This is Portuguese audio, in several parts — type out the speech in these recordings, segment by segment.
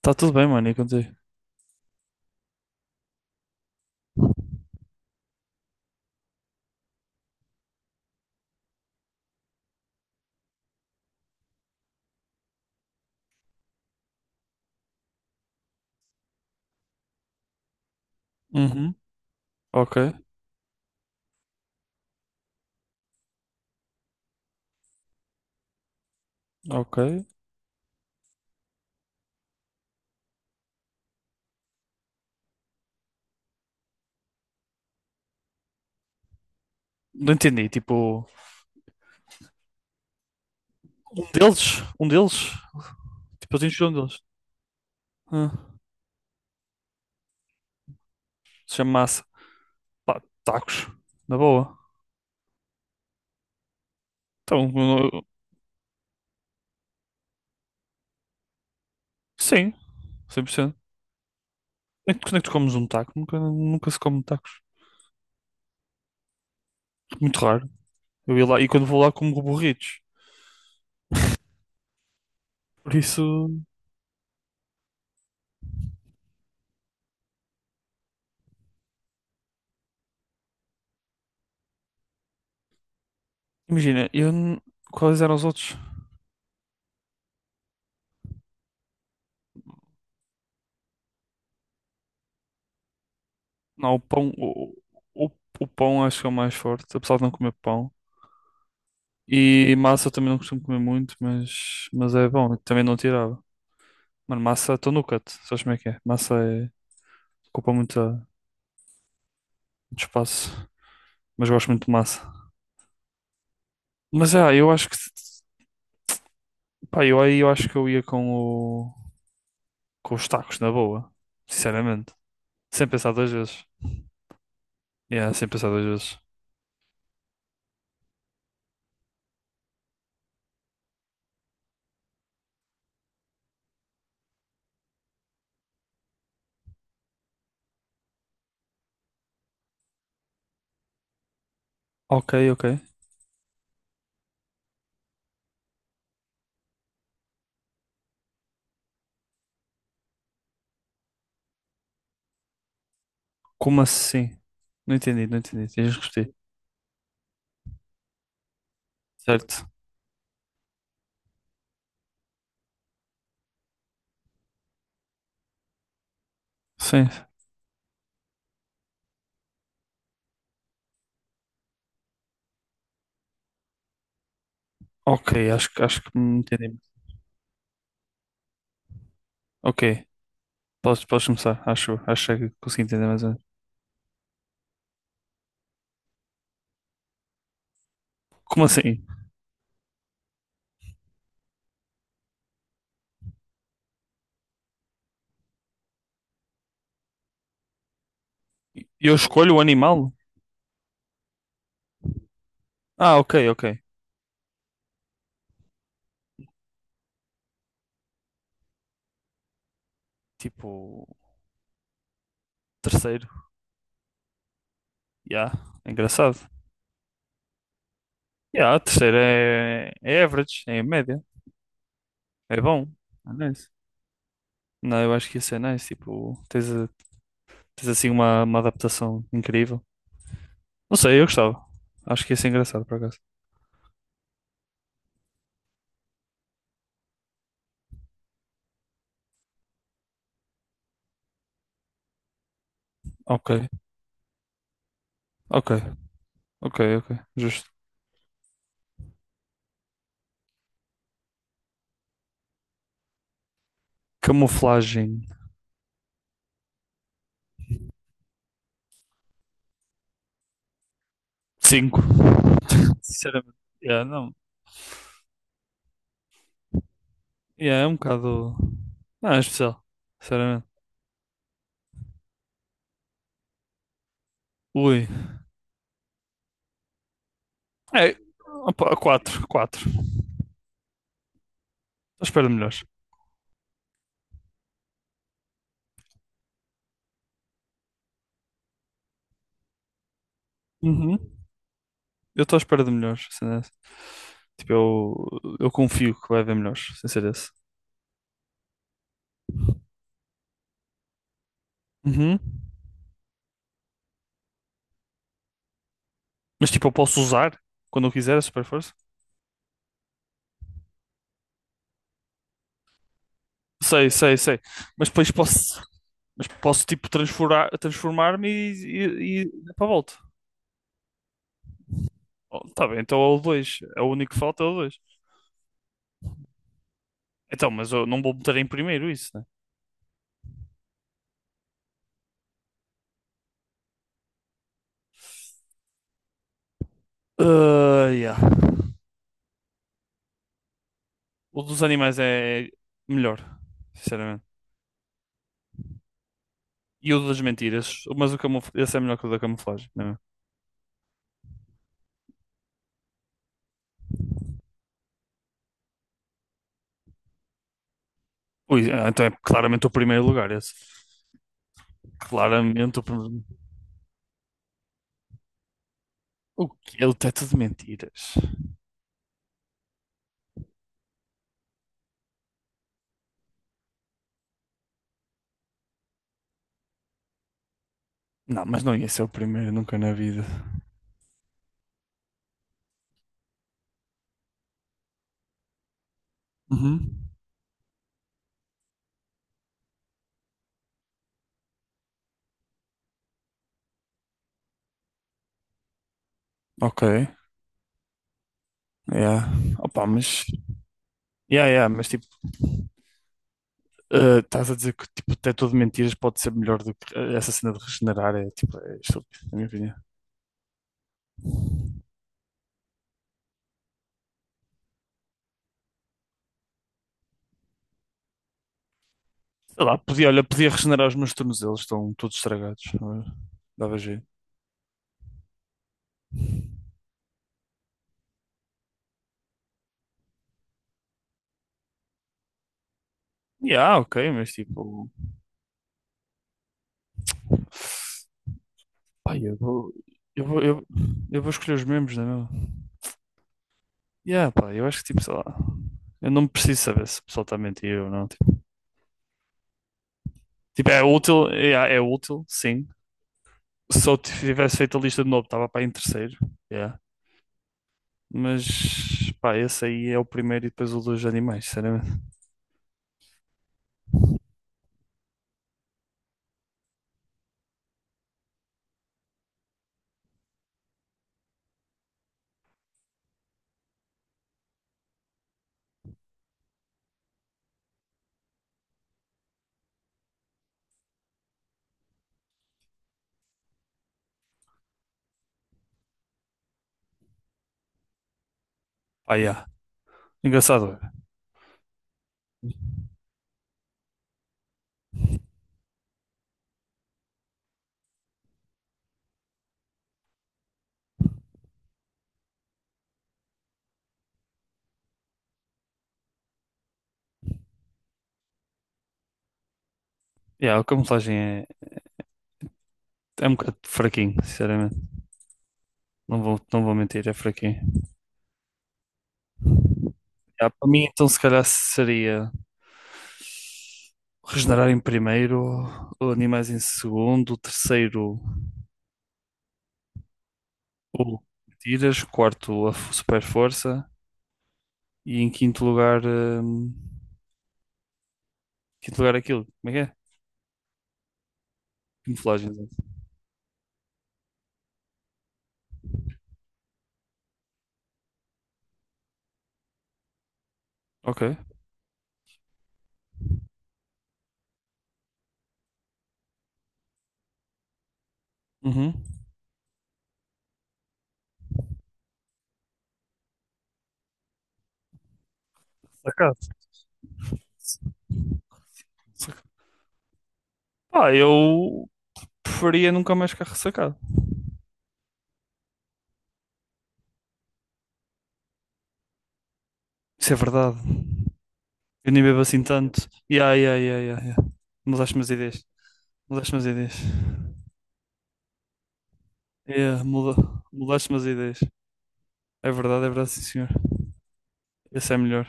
Tá tudo bem, mano, e contigo? Uhum. Ok, ok. Não entendi, tipo, um deles? Um deles? Tipo, eu tenho de um deles. Ah, se chama massa. Pá, tacos. Na boa. Então, eu- sim, 100%. Quando é que tu comes um taco? Nunca, nunca se come tacos. Muito raro. Eu ia lá, e quando vou lá como burritos. Por isso, imagina, Quais eram os outros? Não, o, o pão acho que é o mais forte, apesar de não comer pão. E massa também não costumo comer muito, mas é bom. Eu Também não tirava. Mano, massa estou no cut. Sabes como é que é? Massa é, ocupa muito, muito espaço. Mas gosto muito de massa. Mas eu acho que pá, eu aí eu acho que eu ia com o com os tacos na boa. Sinceramente. Sem pensar duas vezes. Yeah, sem pensar duas vezes. Ok, ok. Como assim? Não entendi, não entendi. Tens de repetir. Certo. Sim. Ok, acho que me entendi. Ok. Podes, podes começar. Acho, acho que consegui entender mais ou menos. Como assim? Eu escolho o animal? Ah, ok, ok. Tipo, terceiro. Ya, é engraçado. Ya, terceiro é, é average, é a média. É bom. É nice. Não, eu acho que isso é nice. Tipo, tens assim uma adaptação incrível. Não sei, eu gostava. Acho que isso é engraçado, por acaso. Ok, ok, ok. Justo. Camuflagem. Cinco. Sinceramente. Yeah, não. Yeah, é um bocado. Não, é especial. Sinceramente. Ui. É, opa, quatro, quatro. Estou à espera de melhores. Uhum. Eu estou à espera de melhores. Assim, né? Tipo, eu confio que vai haver melhores, sem ser esse. Uhum. Mas tipo, eu posso usar quando eu quiser a super força? Sei, sei. Mas depois posso, mas posso tipo transformar, transformar-me e dar para a volta. Oh, tá bem, então é o dois. É o único que falta, é o dois. Então, mas eu não vou meter em primeiro isso, né? Ah, yeah. O dos animais é melhor, sinceramente. E o das mentiras, mas esse é melhor que o da camuflagem, não é? Ui, ah, então é claramente o primeiro lugar esse. Claramente o primeiro. O quê? É o teto de mentiras. Não, mas não ia ser o primeiro nunca na vida. Uhum. Ok. Yeah. Opa, mas. Yeah, mas tipo. Ah, estás a dizer que tipo, o teto de mentiras pode ser melhor do que ah, essa cena de regenerar? É tipo, é estúpido, na minha opinião. Sei lá, podia, olha, podia regenerar os meus tornozelos, estão todos estragados. Não é? Dava jeito. Yeah, ok, mas tipo. Pá, eu vou, eu, eu vou escolher os membros, não é mesmo? Yeah, pá, eu acho que tipo, sei lá. Eu não preciso saber se o pessoal está a mentir ou não. Tipo, é útil, é útil, sim. Se eu tivesse feito a lista de novo, estava para em terceiro. Yeah. Mas, pá, esse aí é o primeiro e depois o dos animais, sinceramente. Pá, yeah. Engraçado. Yeah, a camuflagem é, é um bocado fraquinho, sinceramente. Não vou, não vou mentir, é fraquinho. Ah, para mim, então, se calhar seria regenerar em primeiro, o animais em segundo, o terceiro, o tiras, quarto, super força e em quinto lugar aquilo, como é que é? Camuflagem, exato. Ok. Uhum. Sacado. Saca- Pá, eu preferia nunca mais ficar ressacado. Isso é verdade. Eu nem bebo assim tanto. Yeah, yeah, yeah, yeah, yeah. Mudaste-me as ideias. Mudaste-me as ideias. Yeah, mudaste-me as ideias. É verdade, sim, senhor. Esse é melhor.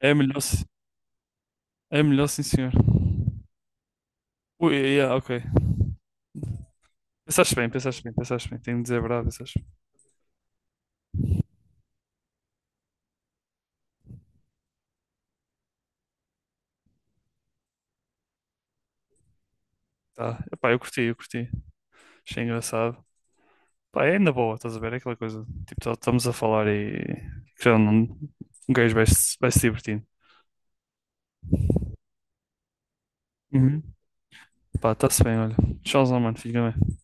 É melhor, é melhor, sim, senhor. Ui, yeah, ok. Pensaste bem, pensaste bem. Tenho de dizer a verdade, pensaste bem. Tá. Epá, eu curti, eu curti. Achei engraçado. Pá, é na boa, estás a ver? É aquela coisa. Estamos a falar e. Já não... Um gajo vai se divertindo. Uhum. Pá, está-se bem, olha. Tchauzão, mano. Fica bem.